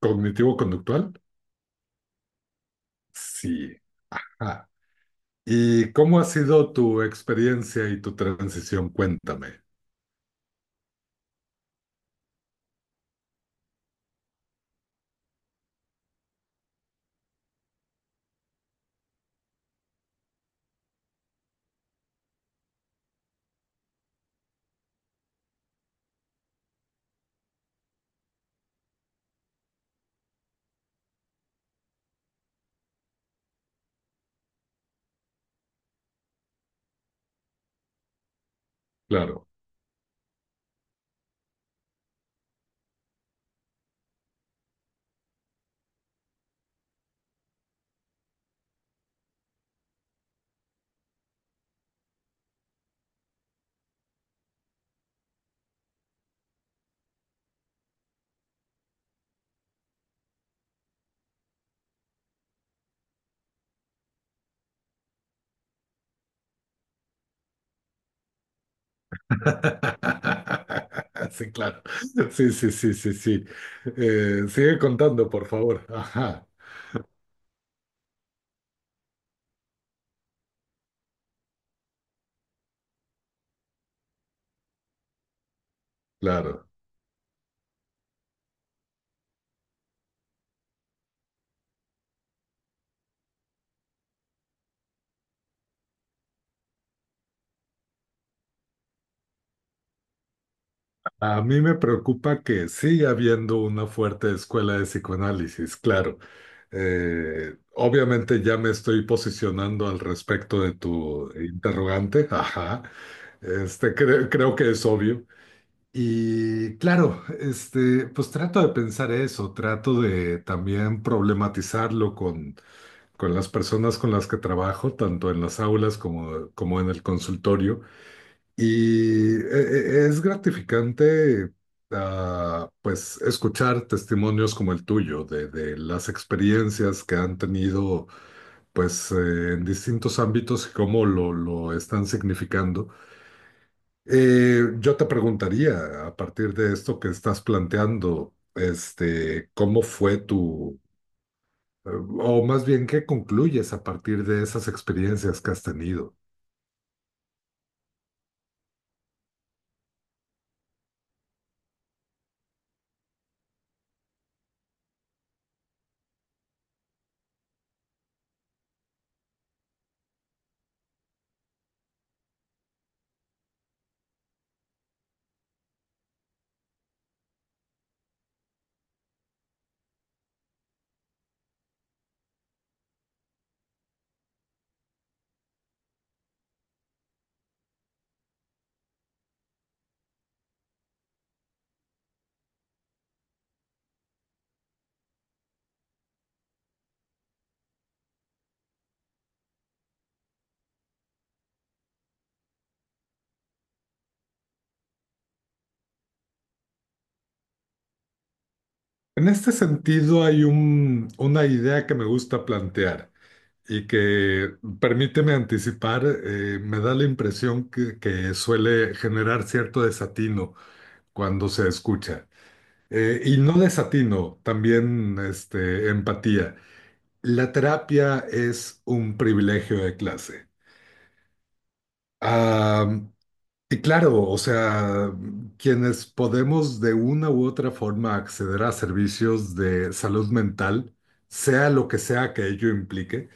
¿Cognitivo-conductual? Sí. Ah, ¿y cómo ha sido tu experiencia y tu transición? Cuéntame. Claro. Sí, claro. Sí, sí, sí, sí, sí. Sigue contando, por favor. Ajá, claro. A mí me preocupa que siga habiendo una fuerte escuela de psicoanálisis, claro. Obviamente ya me estoy posicionando al respecto de tu interrogante. Ajá. Creo que es obvio. Y claro, pues trato de pensar eso, trato de también problematizarlo con las personas con las que trabajo, tanto en las aulas como en el consultorio. Y e- es gratificante, pues, escuchar testimonios como el tuyo, de las experiencias que han tenido, pues, en distintos ámbitos y cómo lo están significando. Yo te preguntaría, a partir de esto que estás planteando, ¿cómo fue eh, o más bien, qué concluyes a partir de esas experiencias que has tenido? En este sentido, hay una idea que me gusta plantear y que, permíteme anticipar, me da la impresión que suele generar cierto desatino cuando se escucha. Y no desatino, también este, empatía. La terapia es un privilegio de clase. Ah, y claro, o sea, quienes podemos de una u otra forma acceder a servicios de salud mental, sea lo que sea que ello implique,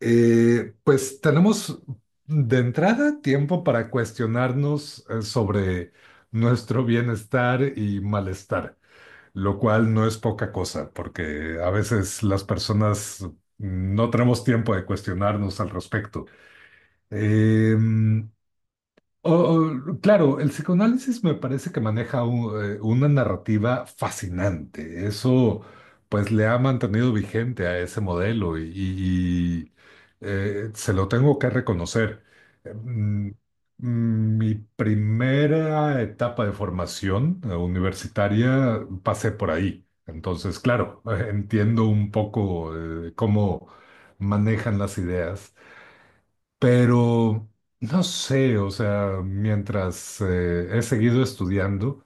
pues tenemos de entrada tiempo para cuestionarnos sobre nuestro bienestar y malestar. Lo cual no es poca cosa, porque a veces las personas no tenemos tiempo de cuestionarnos al respecto. Eh, Oh, oh, claro, el psicoanálisis me parece que maneja una narrativa fascinante. Eso, pues, le ha mantenido vigente a ese modelo y se lo tengo que reconocer. Eh, mm, Mi primera etapa de formación universitaria pasé por ahí. Entonces, claro, entiendo un poco cómo manejan las ideas. Pero no sé, o sea, mientras he seguido estudiando,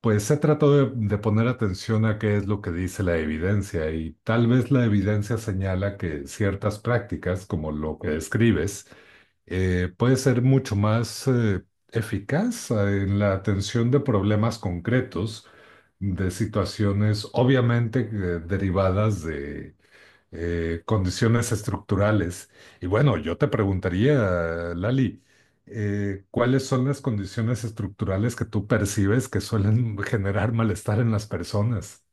pues he tratado de poner atención a qué es lo que dice la evidencia y tal vez la evidencia señala que ciertas prácticas, como lo que describes, puede ser mucho más eficaz en la atención de problemas concretos, de situaciones obviamente derivadas de condiciones estructurales. Y bueno, yo te preguntaría, Lali, ¿cuáles son las condiciones estructurales que tú percibes que suelen generar malestar en las personas?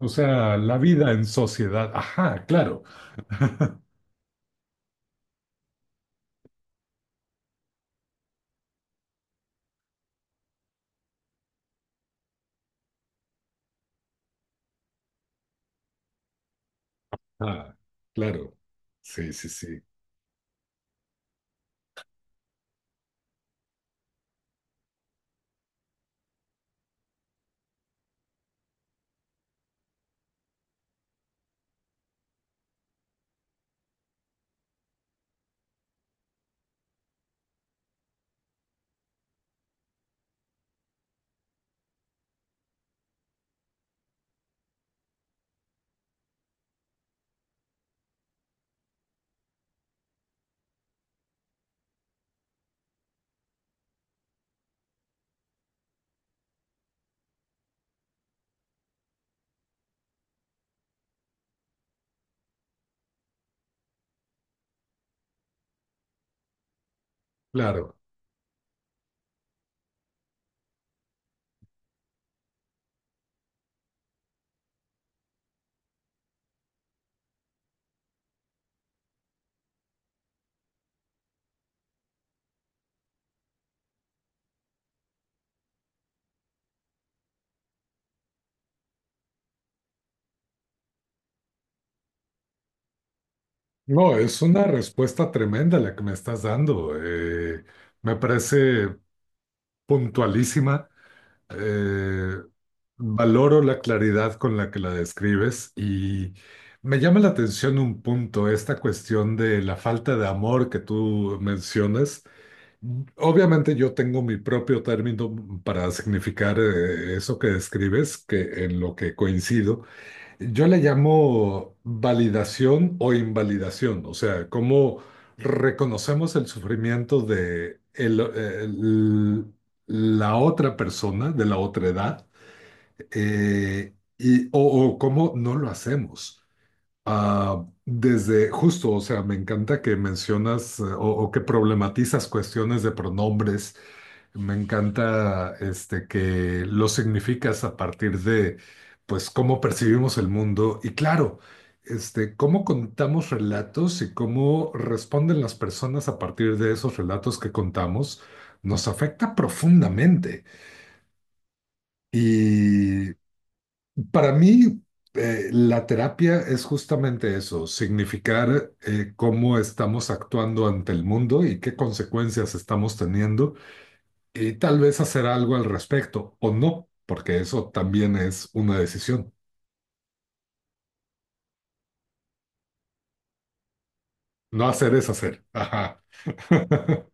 O sea, la vida en sociedad. Ajá, claro. Ah, claro. Sí, sí, sí. Claro. No, es una respuesta tremenda la que me estás dando. Me parece puntualísima. Eh, valoro la claridad con la que la describes y me llama la atención un punto, esta cuestión de la falta de amor que tú mencionas. Obviamente yo tengo mi propio término para significar eso que describes, que en lo que coincido, yo le llamo validación o invalidación, o sea, cómo reconocemos el sufrimiento de la otra persona, de la otra edad, y, o cómo no lo hacemos. Ah, desde justo, o sea, me encanta que mencionas o que problematizas cuestiones de pronombres, me encanta este que lo significas a partir de pues cómo percibimos el mundo y claro, este cómo contamos relatos y cómo responden las personas a partir de esos relatos que contamos nos afecta profundamente. Y para mí la terapia es justamente eso, significar cómo estamos actuando ante el mundo y qué consecuencias estamos teniendo y tal vez hacer algo al respecto o no, porque eso también es una decisión. No hacer es hacer. Ajá.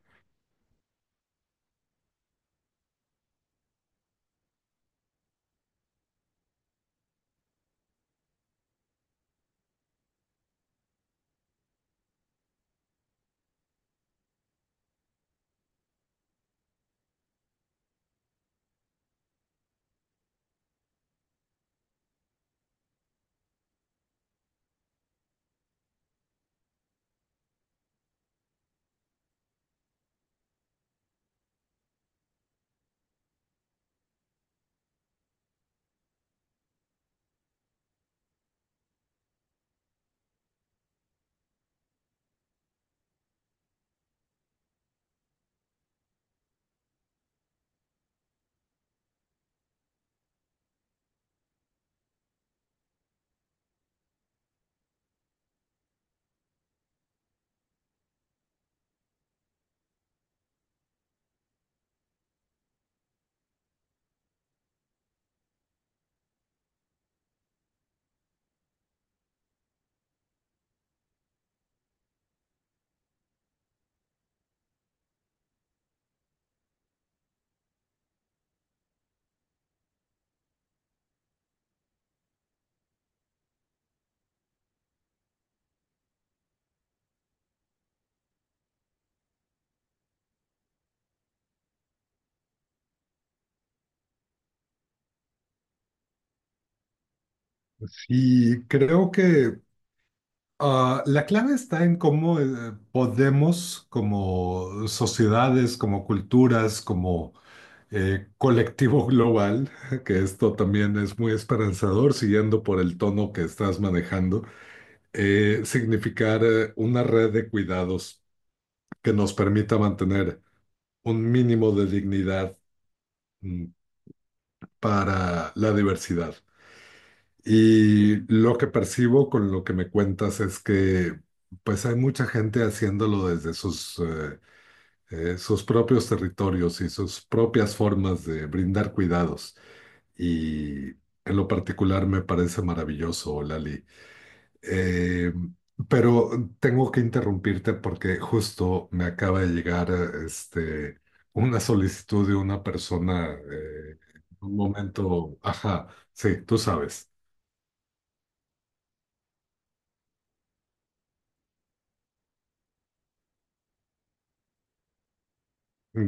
Y creo que la clave está en cómo podemos, como sociedades, como culturas, como colectivo global, que esto también es muy esperanzador, siguiendo por el tono que estás manejando, significar una red de cuidados que nos permita mantener un mínimo de dignidad mm, para la diversidad. Y lo que percibo con lo que me cuentas es que pues hay mucha gente haciéndolo desde sus propios territorios y sus propias formas de brindar cuidados. Y en lo particular me parece maravilloso, Lali. Eh, pero tengo que interrumpirte porque justo me acaba de llegar una solicitud de una persona en un momento, ajá, sí, tú sabes.